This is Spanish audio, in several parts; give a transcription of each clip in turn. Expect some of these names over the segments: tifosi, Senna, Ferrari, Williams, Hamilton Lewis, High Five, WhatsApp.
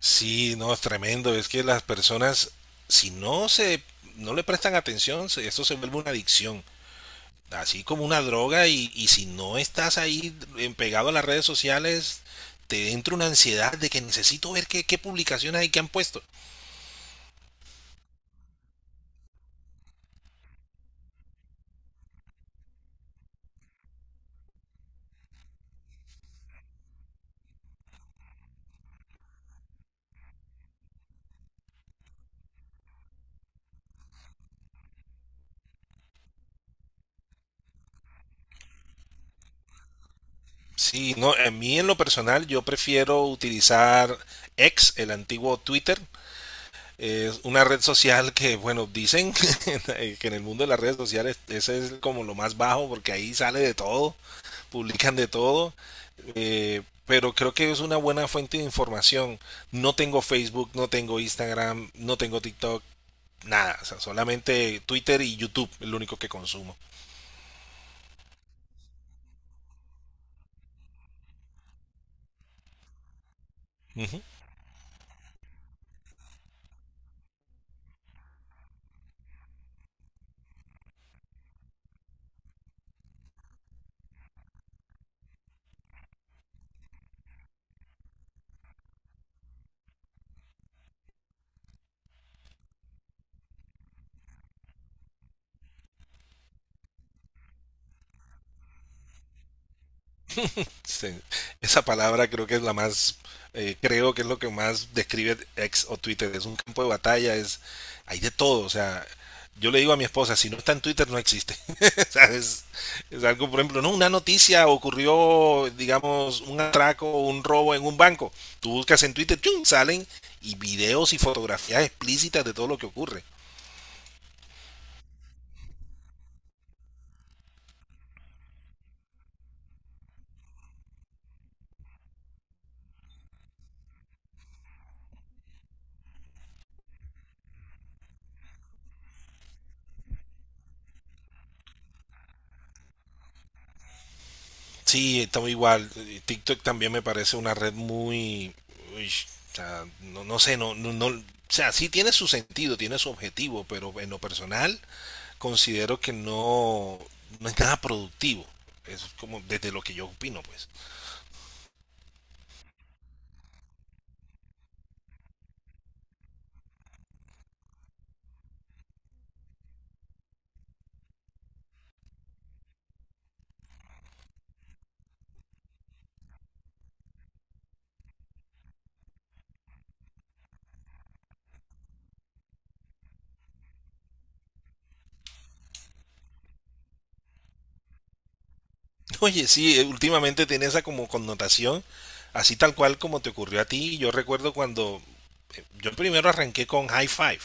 Sí, no, es tremendo. Es que las personas, si no se, no le prestan atención, esto se vuelve una adicción. Así como una droga y si no estás ahí pegado a las redes sociales, te entra una ansiedad de que necesito ver qué, qué publicaciones hay que han puesto. Sí, no, a mí en lo personal yo prefiero utilizar X, el antiguo Twitter. Es una red social que, bueno, dicen que en el mundo de las redes sociales ese es como lo más bajo porque ahí sale de todo, publican de todo, pero creo que es una buena fuente de información. No tengo Facebook, no tengo Instagram, no tengo TikTok, nada, o sea, solamente Twitter y YouTube, el único que consumo. Uh -huh. Sí. Esa palabra creo que es la más, creo que es lo que más describe ex o Twitter. Es un campo de batalla, es, hay de todo. O sea, yo le digo a mi esposa, si no está en Twitter no existe. O sea, es algo, por ejemplo, no, una noticia ocurrió, digamos, un atraco o un robo en un banco. Tú buscas en Twitter, ¡chum!, salen y videos y fotografías explícitas de todo lo que ocurre. Sí, estamos igual. TikTok también me parece una red muy, uy, o sea, no, no sé, no, no, no, o sea, sí tiene su sentido, tiene su objetivo, pero en lo personal considero que no, no es nada productivo. Es como desde lo que yo opino, pues. Oye, sí, últimamente tiene esa como connotación, así tal cual como te ocurrió a ti. Yo recuerdo cuando yo primero arranqué con High Five,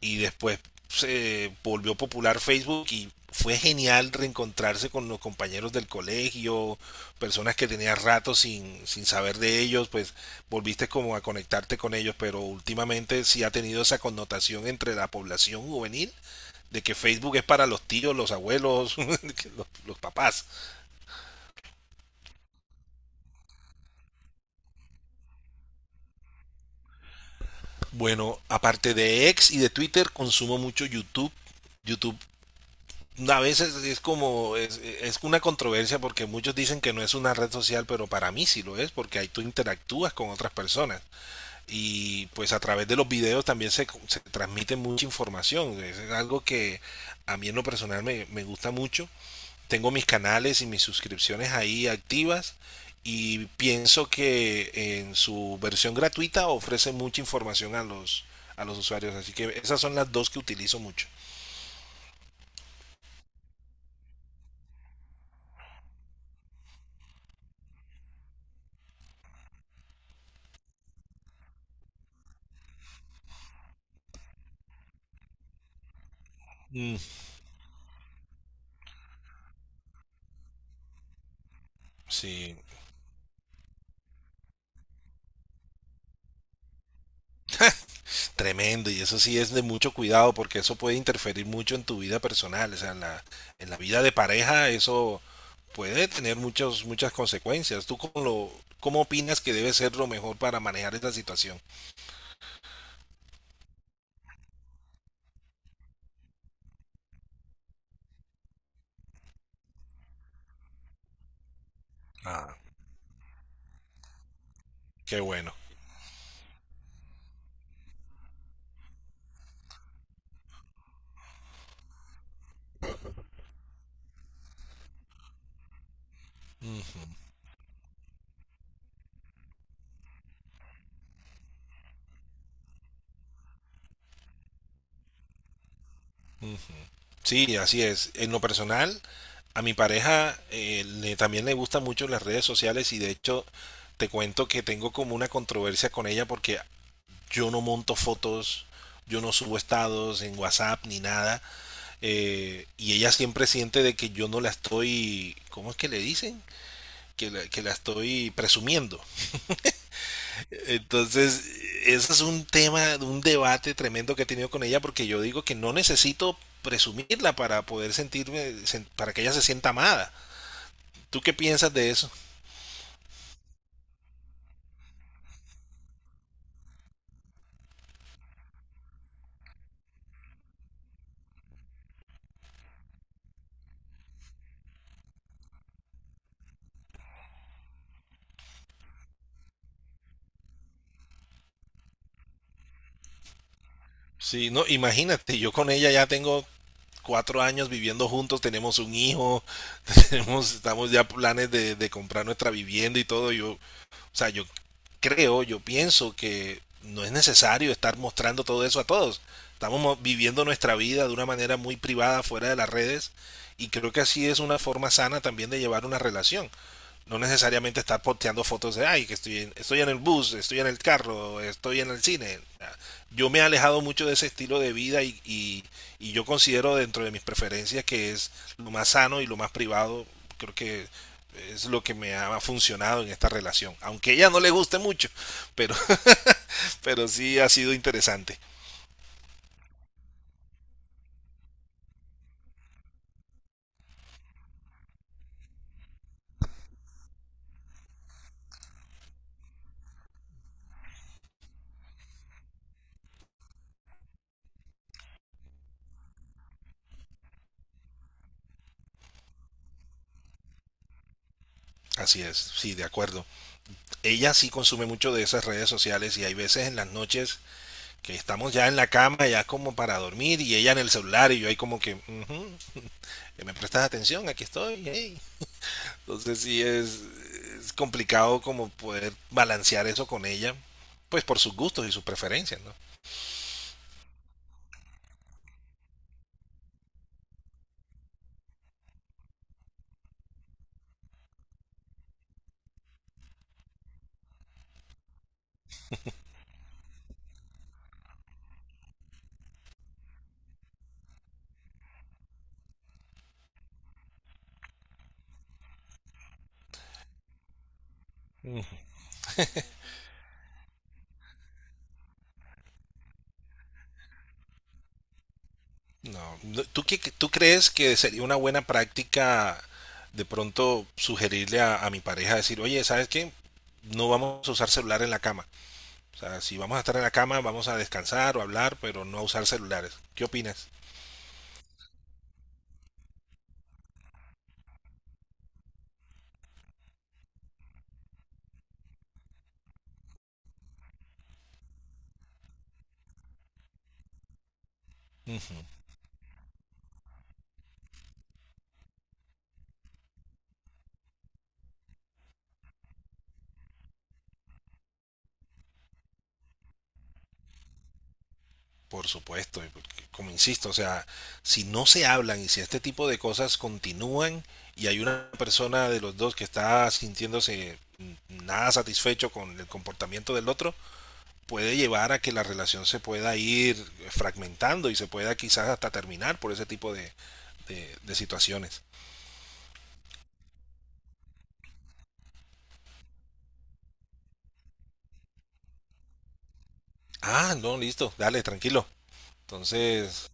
y después se volvió popular Facebook y fue genial reencontrarse con los compañeros del colegio, personas que tenías rato sin saber de ellos, pues volviste como a conectarte con ellos, pero últimamente sí ha tenido esa connotación entre la población juvenil de que Facebook es para los tíos, los abuelos, los papás. Bueno, aparte de X y de Twitter, consumo mucho YouTube. YouTube a veces es como, es una controversia porque muchos dicen que no es una red social, pero para mí sí lo es, porque ahí tú interactúas con otras personas y pues a través de los videos también se transmite mucha información, es algo que a mí en lo personal me gusta mucho, tengo mis canales y mis suscripciones ahí activas y pienso que en su versión gratuita ofrece mucha información a a los usuarios, así que esas son las dos que utilizo mucho. Mm, sí. Tremendo, y eso sí es de mucho cuidado porque eso puede interferir mucho en tu vida personal, o sea, en la vida de pareja eso puede tener muchos, muchas consecuencias. ¿Tú cómo, lo, cómo opinas que debe ser lo mejor para manejar esta situación? Ah, qué bueno. Mm. Sí, así es. En lo personal, a mi pareja también le gustan mucho las redes sociales y de hecho te cuento que tengo como una controversia con ella porque yo no monto fotos, yo no subo estados en WhatsApp ni nada. Y ella siempre siente de que yo no la estoy, ¿cómo es que le dicen? Que la estoy presumiendo. Entonces, ese es un tema, un debate tremendo que he tenido con ella porque yo digo que no necesito presumirla para poder para que ella se sienta amada. ¿Tú qué piensas de eso? Sí, no, imagínate, yo con ella ya tengo 4 años viviendo juntos, tenemos un hijo, tenemos, estamos ya planes de comprar nuestra vivienda y todo. Yo, o sea, yo creo, yo pienso que no es necesario estar mostrando todo eso a todos. Estamos viviendo nuestra vida de una manera muy privada fuera de las redes y creo que así es una forma sana también de llevar una relación. No necesariamente estar posteando fotos de, ay, que estoy en, estoy en el bus, estoy en el carro, estoy en el cine. Yo me he alejado mucho de ese estilo de vida y yo considero dentro de mis preferencias que es lo más sano y lo más privado. Creo que es lo que me ha funcionado en esta relación. Aunque a ella no le guste mucho, pero, pero sí ha sido interesante. Así es, sí, de acuerdo. Ella sí consume mucho de esas redes sociales y hay veces en las noches que estamos ya en la cama, ya como para dormir, y ella en el celular, y yo ahí como que, "Ujú, me prestas atención, aquí estoy, hey". Entonces sí es complicado como poder balancear eso con ella, pues por sus gustos y sus preferencias, ¿no? No. No, ¿tú, tú crees que sería una buena práctica de pronto sugerirle a mi pareja decir, oye, ¿sabes qué? No vamos a usar celular en la cama. O sea, si vamos a estar en la cama, vamos a descansar o hablar, pero no a usar celulares. ¿Qué opinas? Mm. Por supuesto, y porque, como insisto, o sea, si no se hablan y si este tipo de cosas continúan y hay una persona de los dos que está sintiéndose nada satisfecho con el comportamiento del otro, puede llevar a que la relación se pueda ir fragmentando y se pueda quizás hasta terminar por ese tipo de situaciones. Ah, no, listo, dale, tranquilo. Entonces,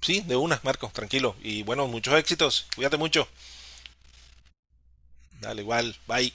sí, de una, Marcos, tranquilo. Y bueno, muchos éxitos, cuídate mucho. Dale, igual, bye.